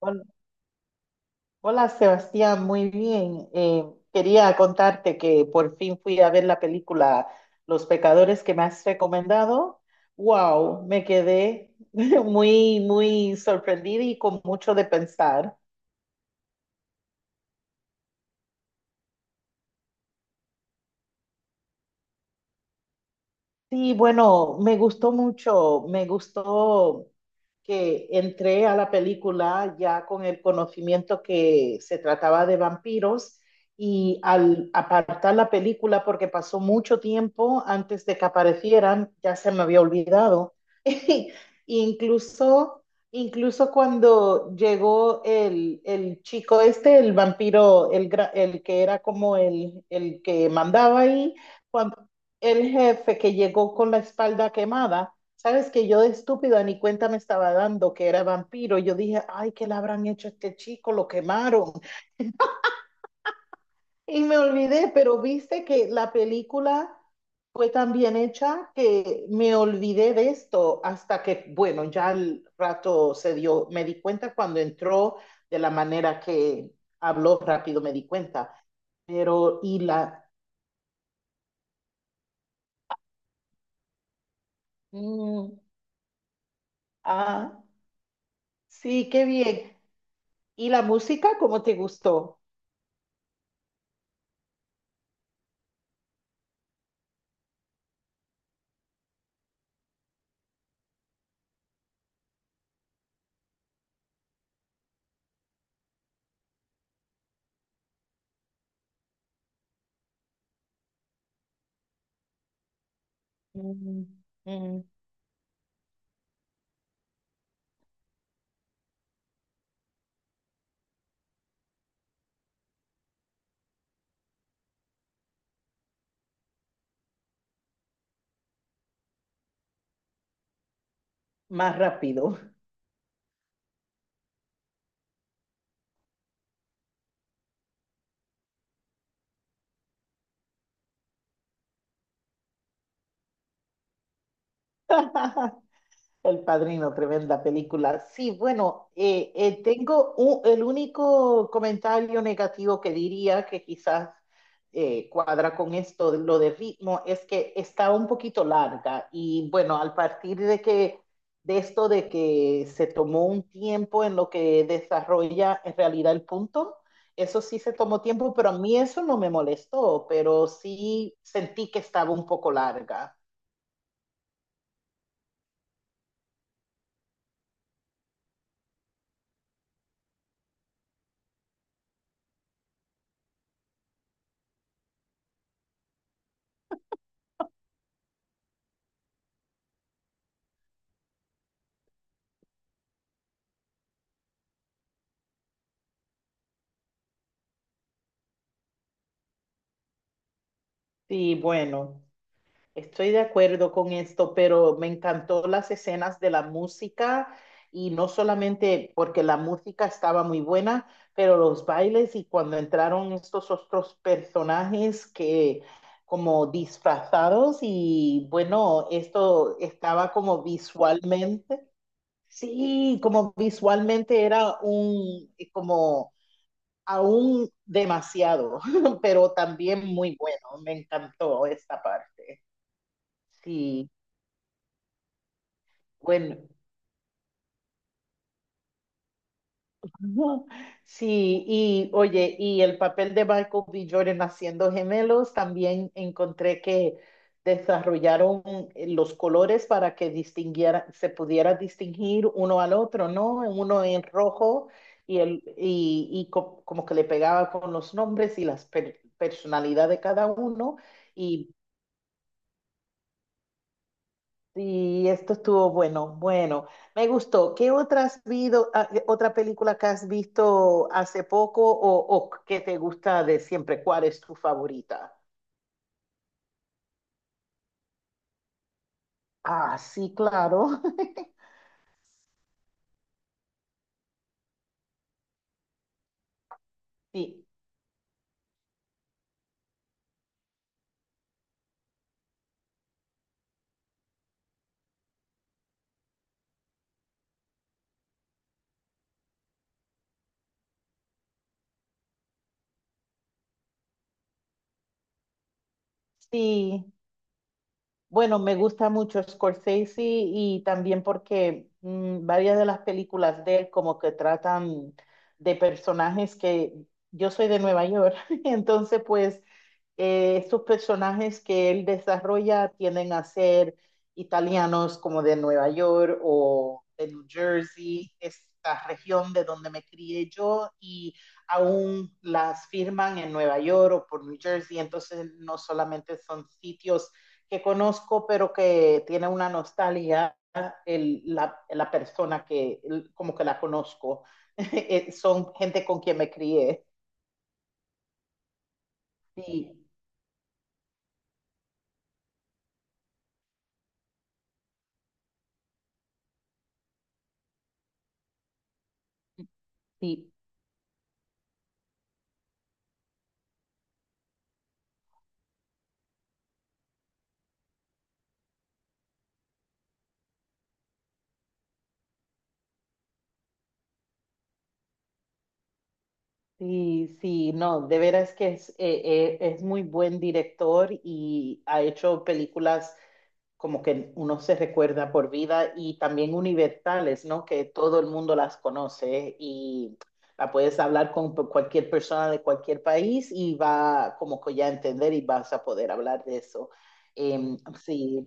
Hol- Hola Sebastián, muy bien. Quería contarte que por fin fui a ver la película Los Pecadores que me has recomendado. Wow, me quedé muy sorprendida y con mucho de pensar. Sí, bueno, me gustó mucho, me gustó que entré a la película ya con el conocimiento que se trataba de vampiros y al apartar la película, porque pasó mucho tiempo antes de que aparecieran, ya se me había olvidado. Incluso, incluso cuando llegó el chico este, el vampiro, el que era como el que mandaba ahí, el jefe que llegó con la espalda quemada. Sabes que yo de estúpida ni cuenta me estaba dando que era vampiro. Yo dije, ay, ¿qué le habrán hecho a este chico? Lo quemaron. Y me olvidé, pero viste que la película fue tan bien hecha que me olvidé de esto hasta que, bueno, ya al rato se dio, me di cuenta cuando entró, de la manera que habló rápido, me di cuenta. Pero, y la... mm, ah, sí, qué bien. ¿Y la música cómo te gustó? Mm, mm, Más rápido. El Padrino, tremenda película. Sí, bueno, tengo el único comentario negativo que diría que quizás cuadra con esto, de lo de ritmo, es que está un poquito larga y bueno, al partir de que de esto de que se tomó un tiempo en lo que desarrolla en realidad el punto. Eso sí se tomó tiempo, pero a mí eso no me molestó, pero sí sentí que estaba un poco larga. Sí, bueno, estoy de acuerdo con esto, pero me encantó las escenas de la música, y no solamente porque la música estaba muy buena, pero los bailes y cuando entraron estos otros personajes que como disfrazados, y bueno, esto estaba como visualmente, sí, como visualmente era un como aún demasiado, pero también muy bueno. Me encantó esta parte. Sí. Bueno, ujú. Sí, y oye, y el papel de Michael B. Jordan haciendo gemelos, también encontré que desarrollaron los colores para que distinguiera, se pudiera distinguir uno al otro, ¿no? Uno en rojo y, el, y co- como que le pegaba con los nombres y personalidad de cada uno, y sí, esto estuvo bueno. Bueno, me gustó. ¿Qué otra has qué otra película que has visto hace poco, o que te gusta de siempre? ¿Cuál es tu favorita? Ah, sí, claro. Sí, sí. Bueno, me gusta mucho Scorsese, y también porque varias de las películas de él como que tratan de personajes que... yo soy de Nueva York, entonces pues estos personajes que él desarrolla tienden a ser italianos, como de Nueva York o de New Jersey, esta región de donde me crié yo. Y aún las firman en Nueva York o por New Jersey, entonces no solamente son sitios que conozco, pero que tiene una nostalgia persona que como que la conozco. Son gente con quien me crié. Sí, sí. Sí, sí, no, de veras que es muy buen director y ha hecho películas como que uno se recuerda por vida y también universales, ¿no? Que todo el mundo las conoce, y la puedes hablar con cualquier persona de cualquier país y va como que ya a entender y vas a poder hablar de eso. Em, sí.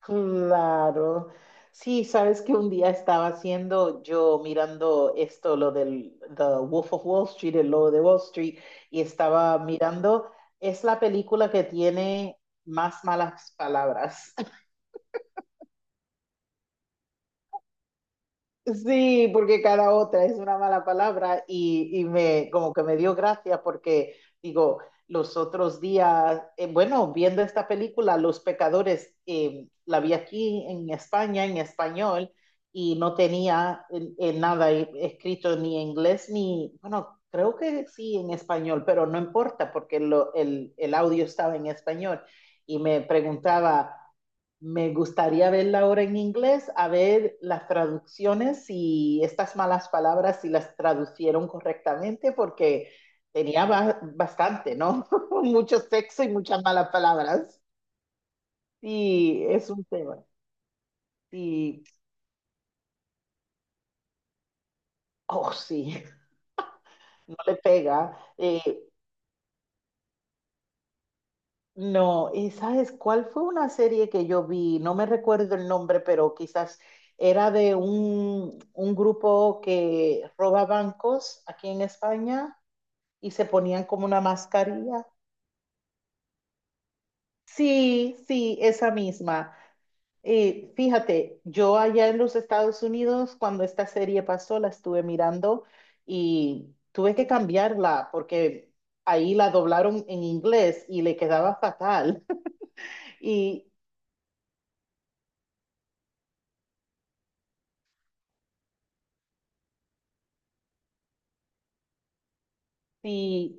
Claro. Sí, sabes que un día estaba haciendo yo, mirando esto, lo del The Wolf of Wall Street, el lobo de Wall Street, y estaba mirando, es la película que tiene más malas palabras. Sí, porque cada otra es una mala palabra, y me, como que me dio gracia porque digo, los otros días, bueno, viendo esta película, Los Pecadores, la vi aquí en España, en español, y no tenía nada escrito ni en inglés ni, bueno, creo que sí en español, pero no importa porque el audio estaba en español y me preguntaba. Me gustaría verla ahora en inglés, a ver las traducciones y estas malas palabras, si las traducieron correctamente, porque tenía bastante, ¿no? Mucho sexo y muchas malas palabras. Sí, es un tema. Sí, oh, sí, no le pega. No, ¿y sabes cuál fue una serie que yo vi? No me recuerdo el nombre, pero quizás era de un grupo que roba bancos aquí en España y se ponían como una mascarilla. Sí, sí, esa misma. Fíjate, yo allá en los Estados Unidos, cuando esta serie pasó, la estuve mirando y tuve que cambiarla porque ahí la doblaron en inglés y le quedaba fatal. Y,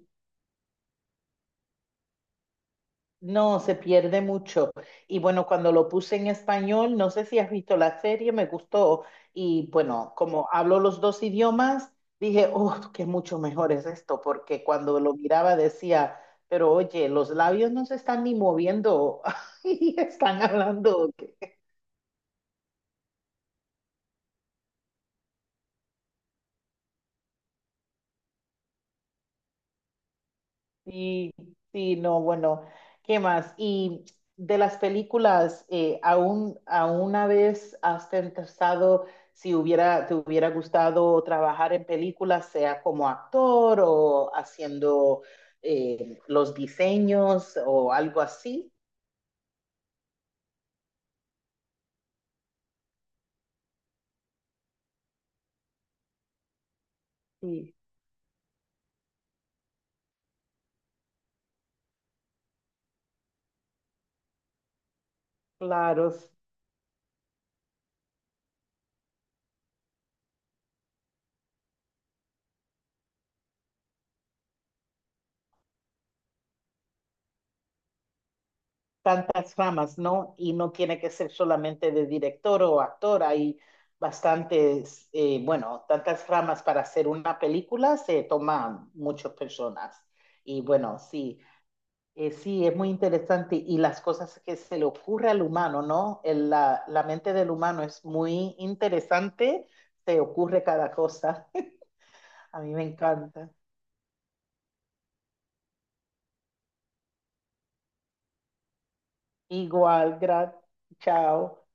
No, se pierde mucho. Y bueno, cuando lo puse en español, no sé si has visto la serie, me gustó. Y bueno, como hablo los dos idiomas, dije, oh, qué mucho mejor es esto, porque cuando lo miraba decía, pero oye, los labios no se están ni moviendo y están hablando. Sí, sí, no, bueno, ¿qué más? Y de las películas, ¿aún, a una vez has pensado si hubiera, te hubiera gustado trabajar en películas, sea como actor o haciendo los diseños o algo así? Sí, claro. Tantas ramas, ¿no? Y no tiene que ser solamente de director o actor, hay bastantes, bueno, tantas ramas para hacer una película, se toman muchas personas. Y bueno, sí, sí, es muy interesante, y las cosas que se le ocurre al humano, ¿no? La, la mente del humano es muy interesante, se ocurre cada cosa. A mí me encanta. Igual, gracias. Chao.